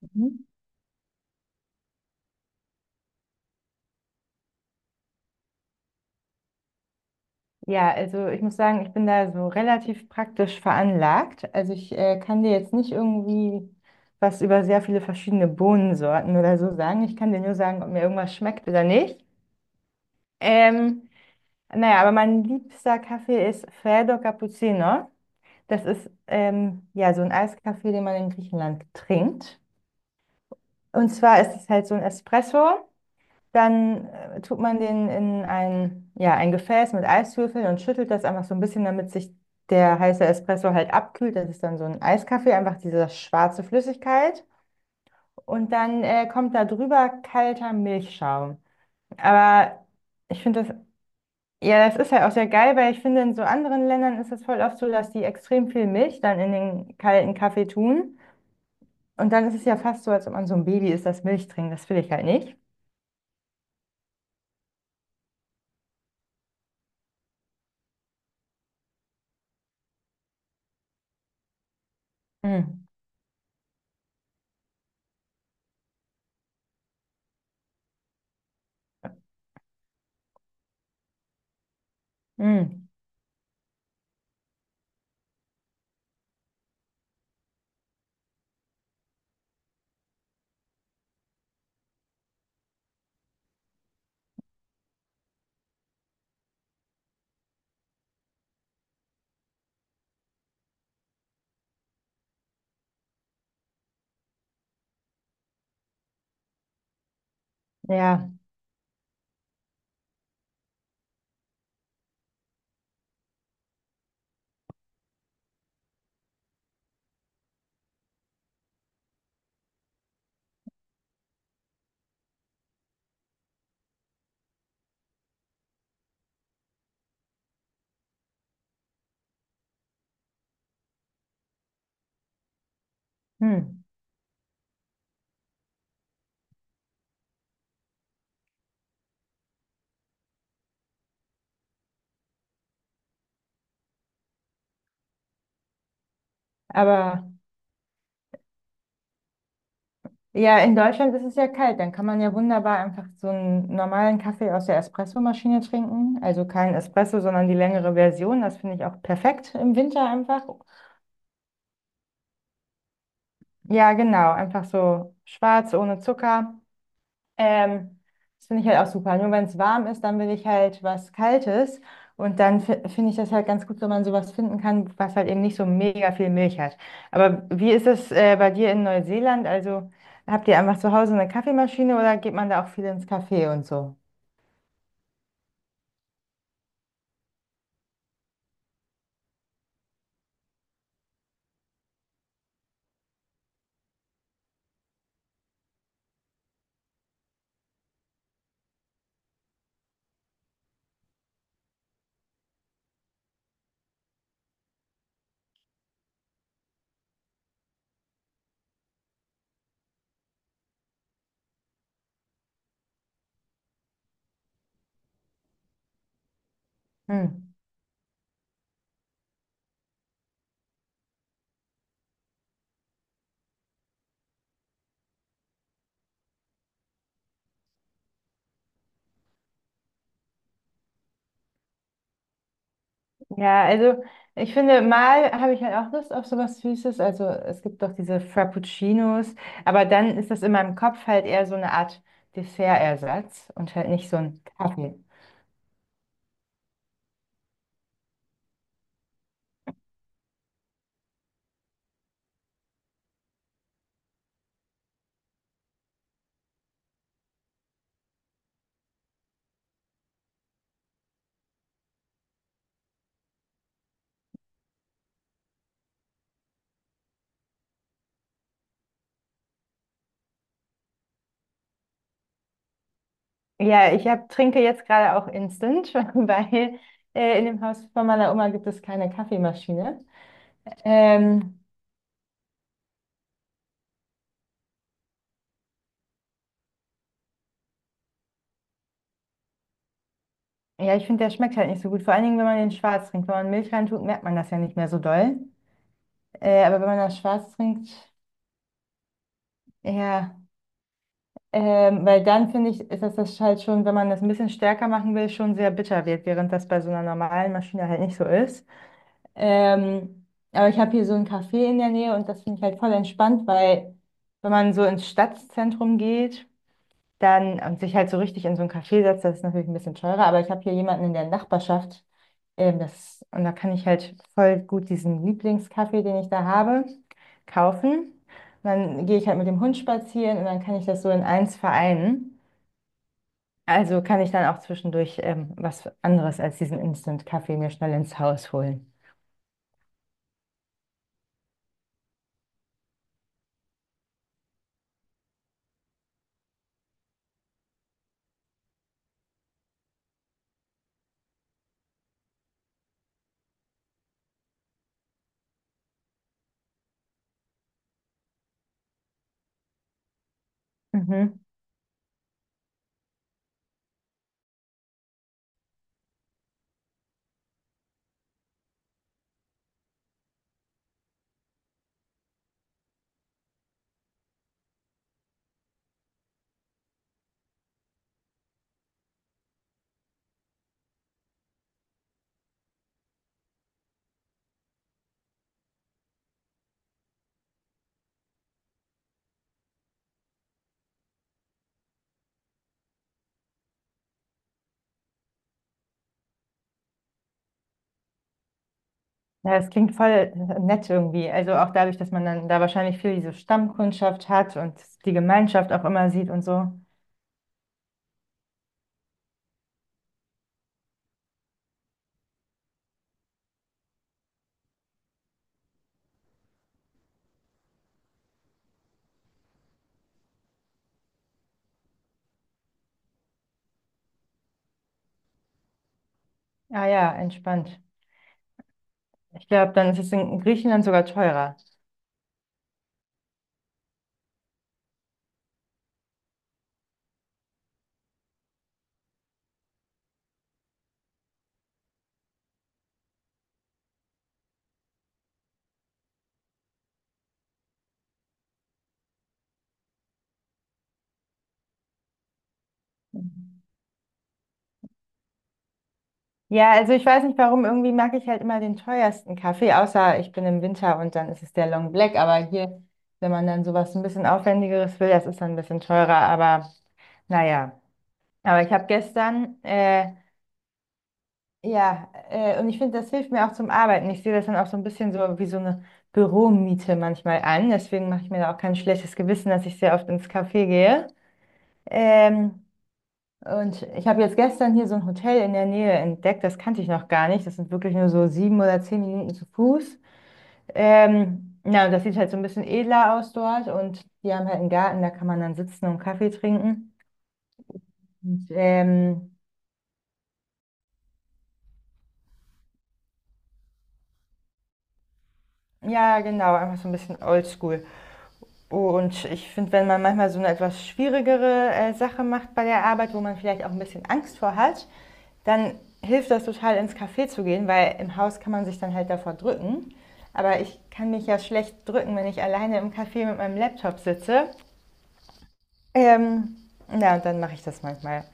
Mhm. Ja, also ich muss sagen, ich bin da so relativ praktisch veranlagt. Also ich kann dir jetzt nicht irgendwie was über sehr viele verschiedene Bohnensorten oder so sagen. Ich kann dir nur sagen, ob mir irgendwas schmeckt oder nicht. Ähm, naja, aber mein liebster Kaffee ist Freddo Cappuccino. Das ist ja so ein Eiskaffee, den man in Griechenland trinkt. Und zwar ist es halt so ein Espresso. Dann tut man den in ein, ja, ein Gefäß mit Eiswürfeln und schüttelt das einfach so ein bisschen, damit sich der heiße Espresso halt abkühlt. Das ist dann so ein Eiskaffee, einfach diese schwarze Flüssigkeit. Und dann kommt da drüber kalter Milchschaum. Aber ich finde das, ja, das ist halt auch sehr geil, weil ich finde, in so anderen Ländern ist es voll oft so, dass die extrem viel Milch dann in den kalten Kaffee tun. Und dann ist es ja fast so, als ob man so ein Baby ist, das Milch trinkt. Das will ich halt nicht. Mm, mm, ja. Mm. Aber ja, in Deutschland ist es ja kalt. Dann kann man ja wunderbar einfach so einen normalen Kaffee aus der Espressomaschine trinken. Also kein Espresso, sondern die längere Version. Das finde ich auch perfekt im Winter einfach. Ja, genau. Einfach so schwarz, ohne Zucker. Ähm, das finde ich halt auch super. Nur wenn es warm ist, dann will ich halt was Kaltes. Und dann finde ich das halt ganz gut, wenn man sowas finden kann, was halt eben nicht so mega viel Milch hat. Aber wie ist es bei dir in Neuseeland? Also habt ihr einfach zu Hause eine Kaffeemaschine oder geht man da auch viel ins Café und so? Hm. Ja, also ich finde, mal habe ich halt auch Lust auf sowas Süßes. Also es gibt doch diese Frappuccinos, aber dann ist das in meinem Kopf halt eher so eine Art Dessertersatz und halt nicht so ein Kaffee. Ja, trinke jetzt gerade auch Instant, weil in dem Haus von meiner Oma gibt es keine Kaffeemaschine. Ähm, ja, ich finde, der schmeckt halt nicht so gut. Vor allen Dingen, wenn man den schwarz trinkt. Wenn man Milch reintut, merkt man das ja nicht mehr so doll. Aber wenn man das schwarz trinkt, ja, weil dann finde ich, ist das halt schon, wenn man das ein bisschen stärker machen will, schon sehr bitter wird, während das bei so einer normalen Maschine halt nicht so ist. Ähm, aber ich habe hier so ein Café in der Nähe und das finde ich halt voll entspannt, weil wenn man so ins Stadtzentrum geht, dann und sich halt so richtig in so ein Café setzt, das ist natürlich ein bisschen teurer, aber ich habe hier jemanden in der Nachbarschaft, und da kann ich halt voll gut diesen Lieblingskaffee, den ich da habe, kaufen. Und dann gehe ich halt mit dem Hund spazieren und dann kann ich das so in eins vereinen. Also kann ich dann auch zwischendurch was anderes als diesen Instant-Kaffee mir schnell ins Haus holen. Mhm. Ja, es klingt voll nett irgendwie. Also auch dadurch, dass man dann da wahrscheinlich viel diese Stammkundschaft hat und die Gemeinschaft auch immer sieht und so. Ah ja, entspannt. Ich glaube, dann ist es in Griechenland sogar teurer. Ja, also ich weiß nicht warum, irgendwie mag ich halt immer den teuersten Kaffee, außer ich bin im Winter und dann ist es der Long Black. Aber hier, wenn man dann sowas ein bisschen aufwendigeres will, das ist dann ein bisschen teurer. Aber naja. Aber ich habe gestern, ja, und ich finde, das hilft mir auch zum Arbeiten. Ich sehe das dann auch so ein bisschen so wie so eine Büromiete manchmal an. Deswegen mache ich mir da auch kein schlechtes Gewissen, dass ich sehr oft ins Café gehe. Ähm, und ich habe jetzt gestern hier so ein Hotel in der Nähe entdeckt, das kannte ich noch gar nicht. Das sind wirklich nur so 7 oder 10 Minuten zu Fuß. Und das sieht halt so ein bisschen edler aus dort. Und die haben halt einen Garten, da kann man dann sitzen und Kaffee trinken. Und, ja, genau, einfach so ein bisschen oldschool. Und ich finde, wenn man manchmal so eine etwas schwierigere Sache macht bei der Arbeit, wo man vielleicht auch ein bisschen Angst vor hat, dann hilft das total ins Café zu gehen, weil im Haus kann man sich dann halt davor drücken. Aber ich kann mich ja schlecht drücken, wenn ich alleine im Café mit meinem Laptop sitze. Ähm, ja, und dann mache ich das manchmal.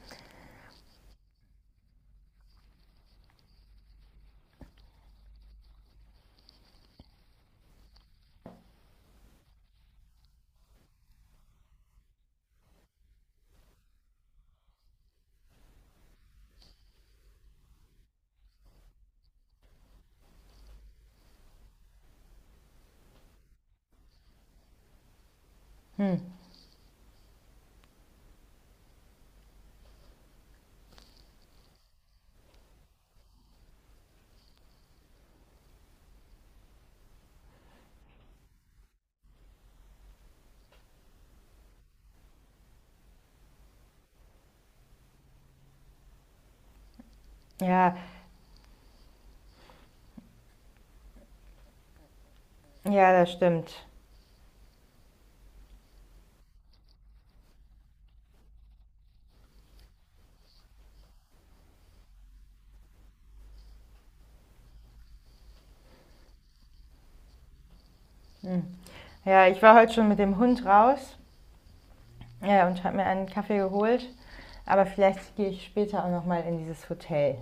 Ja, ja, das stimmt. Hm. Ja, ich war heute schon mit dem Hund raus, ja, und habe mir einen Kaffee geholt. Aber vielleicht gehe ich später auch nochmal in dieses Hotel.